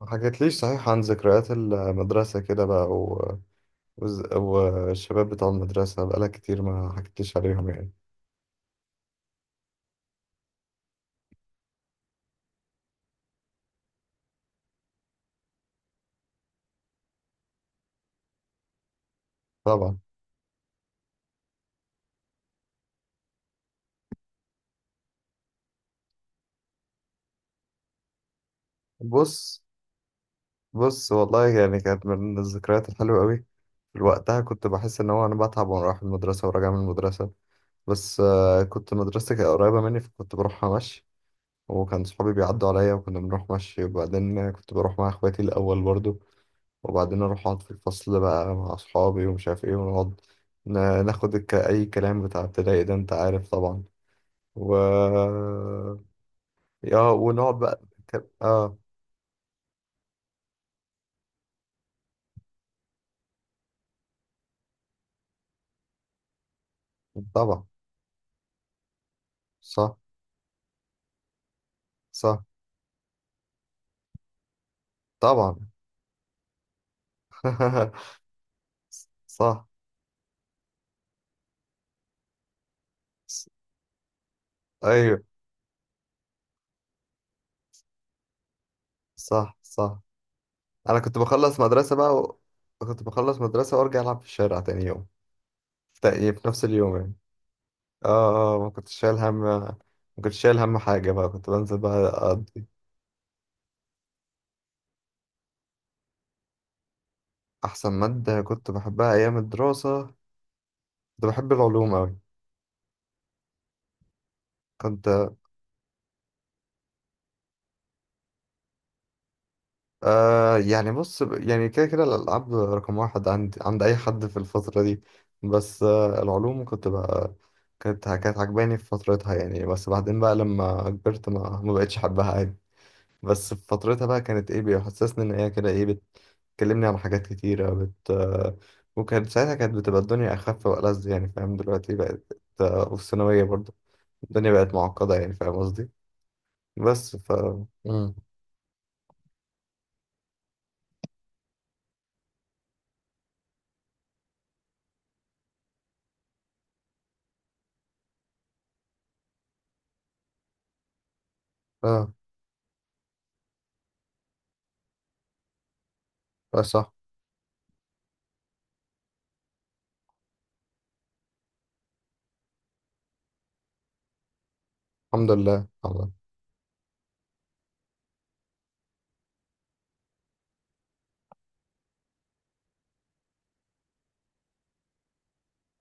ما حكيتليش صحيح عن ذكريات المدرسة كده بقى والشباب بتاع المدرسة بقالك كتير، ما حكيتليش عليهم يعني. طبعا. بص بص والله يعني، كانت من الذكريات الحلوة قوي. وقتها كنت بحس ان هو انا بتعب وانا رايح المدرسة وراجع من المدرسة. بس كنت مدرستي كانت قريبة مني، فكنت بروحها مشي. وكان صحابي بيعدوا عليا وكنا بنروح مشي، وبعدين كنت بروح مع اخواتي الاول برضو. وبعدين اروح اقعد في الفصل بقى مع اصحابي ومش عارف ايه، ونقعد ناخد اي كلام، بتاع ابتدائي ده انت عارف طبعا. و اه ونقعد بقى. ك... اه طبعا. صح، صح، طبعا. صح، ص- ايوه، صح، صح. انا كنت بخلص مدرسة بقى كنت بخلص مدرسة وارجع العب في الشارع تاني يوم. في تق- في نفس اليوم يعني. اه، اه، ما كنتش شايل هم، ما كنتش شايل هم حاجة بقى، كنت بنزل بقى. أحسن مادة كنت بحبها أيام الدراسة، كنت بحب العلوم أوي. كنت آه يعني بص، يعني كده الألعاب رقم واحد عند أي حد في الفترة دي. بس العلوم كنت بقى، كانت عجباني في فترتها يعني. بس بعدين بقى لما كبرت ما بقتش أحبها عادي. بس في فترتها بقى كانت إيه، بيحسسني إن هي كده إيه، بتكلمني عن حاجات كتيرة بت آه وكانت ساعتها كانت بتبقى الدنيا أخف وألذ، يعني فاهم، دلوقتي بقت وفي الثانوية برضه الدنيا بقت معقدة، يعني فاهم قصدي. بس ف مم. اه، اه، صح. الحمد لله، الله.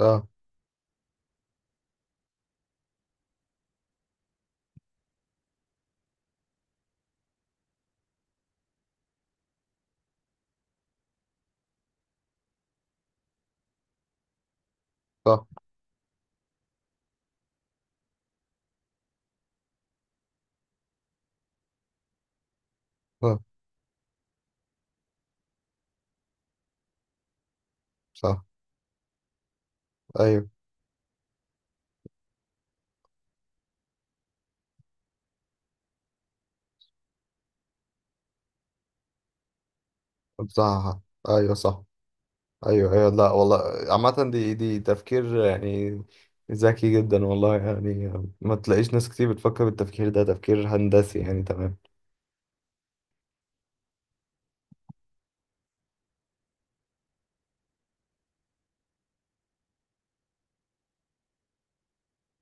اه، صح، اه، صح، ايوه، صح، ايوه، صح، ايوه، ايوه، لا والله. عامة دي تفكير يعني، ذكي جدا والله يعني. ما تلاقيش ناس كتير بتفكر بالتفكير ده، تفكير هندسي يعني، تمام.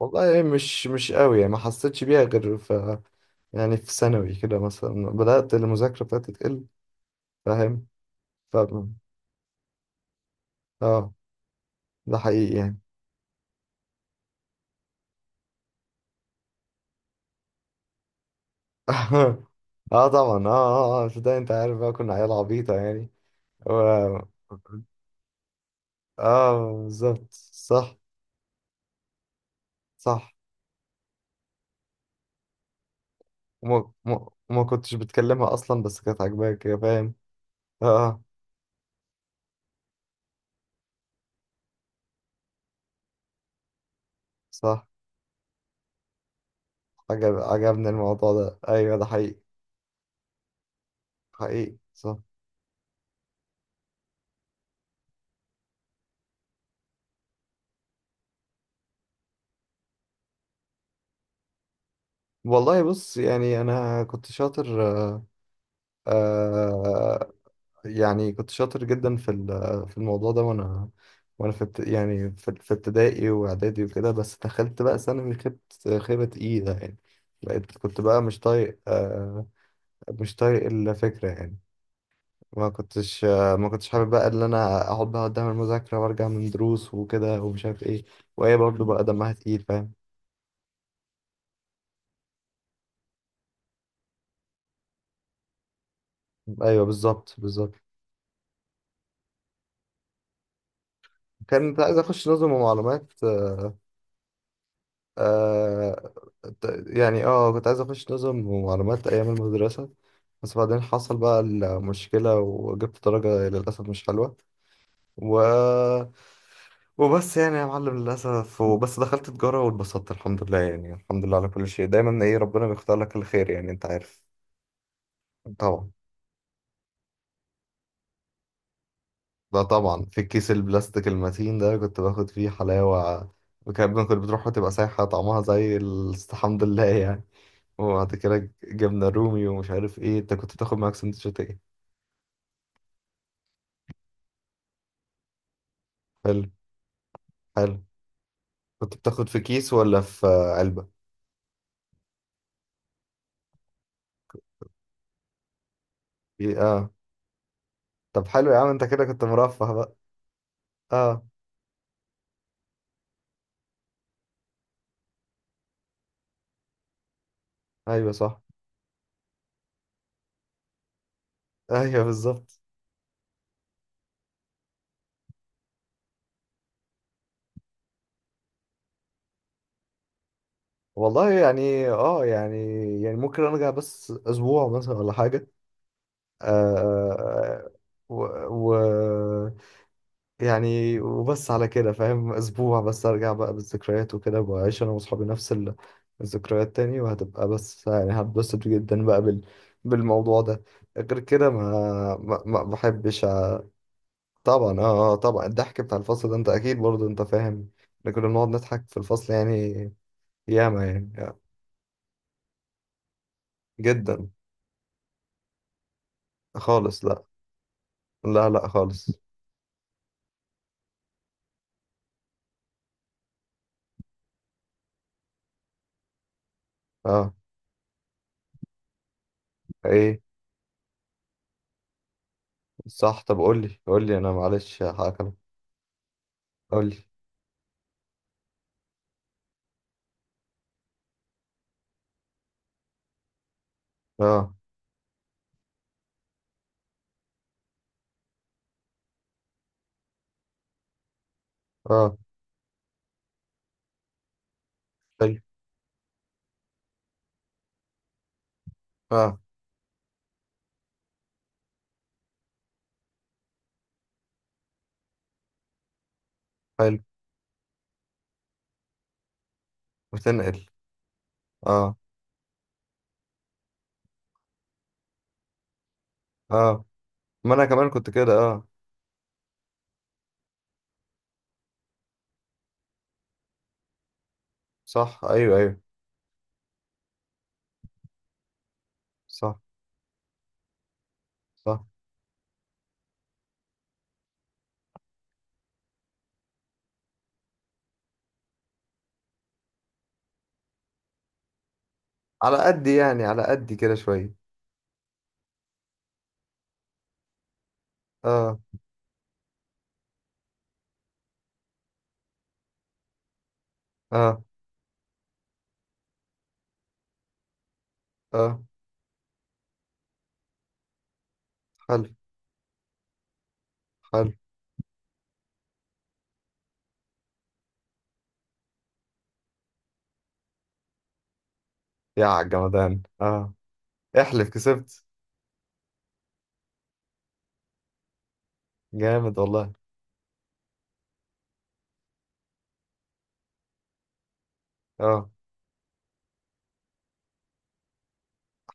والله، مش قوي يعني، ما حسيتش بيها غير في، يعني في ثانوي كده مثلا بدأت المذاكرة بتاعتي تقل، فاهم. ف اه ده حقيقي يعني. اه، طبعا، اه، اه، اه، في ده انت عارف بقى، كنا عيال عبيطة يعني و... اه، بالظبط، صح. صح، وما كنتش بتكلمها اصلا، بس كانت عاجباك، يا فاهم. اه، اه. صح. عجبني الموضوع ده، ايوه، ده حقيقي. حقيقي، صح. والله بص، يعني انا كنت شاطر. آه يعني كنت شاطر جدا في في الموضوع ده. وانا في يعني في ابتدائي واعدادي وكده. بس دخلت بقى ثانوي، خبت خيبة تقيلة يعني. بقيت كنت بقى مش طايق مش طايق الفكرة يعني. ما كنتش حابب بقى ان انا اقعد بقى قدام المذاكرة، وارجع من دروس وكده ومش عارف ايه. وهي برضه بقى دمها تقيل، فاهم. ايوه، بالظبط، بالظبط. كنت عايز اخش نظم ومعلومات. آه يعني كنت عايز اخش نظم ومعلومات ايام المدرسة. بس بعدين حصل بقى المشكلة، وجبت درجة للأسف مش حلوة و... وبس يعني، يا معلم للأسف. وبس دخلت تجارة واتبسطت، الحمد لله يعني، الحمد لله على كل شيء دايما. ايه، ربنا بيختار لك الخير يعني، انت عارف. طبعا. ده طبعا في الكيس البلاستيك المتين ده كنت باخد فيه حلاوة. كنت بتروح وتبقى سايحة طعمها زي الحمد لله يعني. وبعد كده جبنة رومي ومش عارف ايه. انت كنت بتاخد معاك سندوتشات ايه؟ حلو. حلو. كنت بتاخد في كيس ولا في علبة؟ ايه، اه. طب حلو يا عم، انت كده كنت مرفه بقى. اه، ايوه، صح. ايوه، بالظبط. والله يعني، يعني يعني ممكن ارجع بس اسبوع مثلا ولا حاجة. آه آه، و, و... يعني وبس على كده فاهم، اسبوع بس ارجع بقى بالذكريات وكده واعيش انا واصحابي نفس الذكريات تاني. وهتبقى بس يعني هتبسط جدا بقى بالموضوع ده. غير كده ما بحبش طبعا. طبعا، الضحك بتاع الفصل ده انت اكيد برضه انت فاهم. احنا كنا بنقعد نضحك في الفصل يعني، ياما يعني، جدا. خالص، لا. لا، لا، خالص. اه، ايه، صح. طب قول لي، قول لي، انا معلش هاكلم. قول لي. اه، اه، حلو، اه، حلو. بتنقل. اه، اه، ما انا كمان كنت كده، اه. صح، ايوه، ايوه، صح، صح. على قد يعني، على قد كده شويه. اه، اه، اه. حلو. حلو يا عالجمدان، اه. احلف كسبت؟ جامد والله. اه،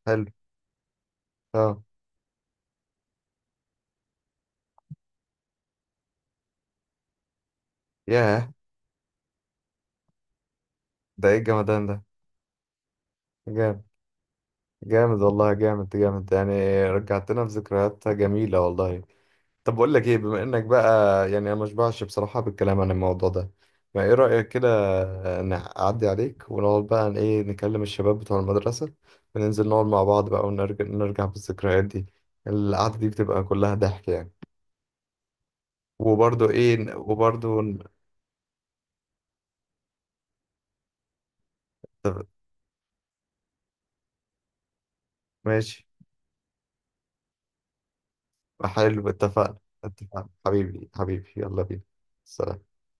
حلو، اه، ياه، ده ايه الجمدان ده. جامد، جامد والله، جامد جامد يعني، رجعتنا في ذكريات جميلة والله. طب بقول لك ايه؟ بما انك بقى، يعني انا مشبعش بصراحة بالكلام عن الموضوع ده. ما ايه رأيك كده، نعدي عليك ونقعد بقى، عن ايه، نكلم الشباب بتوع المدرسة، وننزل نقعد مع بعض بقى ونرجع بالذكريات دي. القعدة دي بتبقى كلها ضحك يعني. وبرضه ايه ن- وبرضه ن- طب ماشي، حلو، اتفقنا. اتفقنا، حبيبي، حبيبي، يلا بينا. سلام.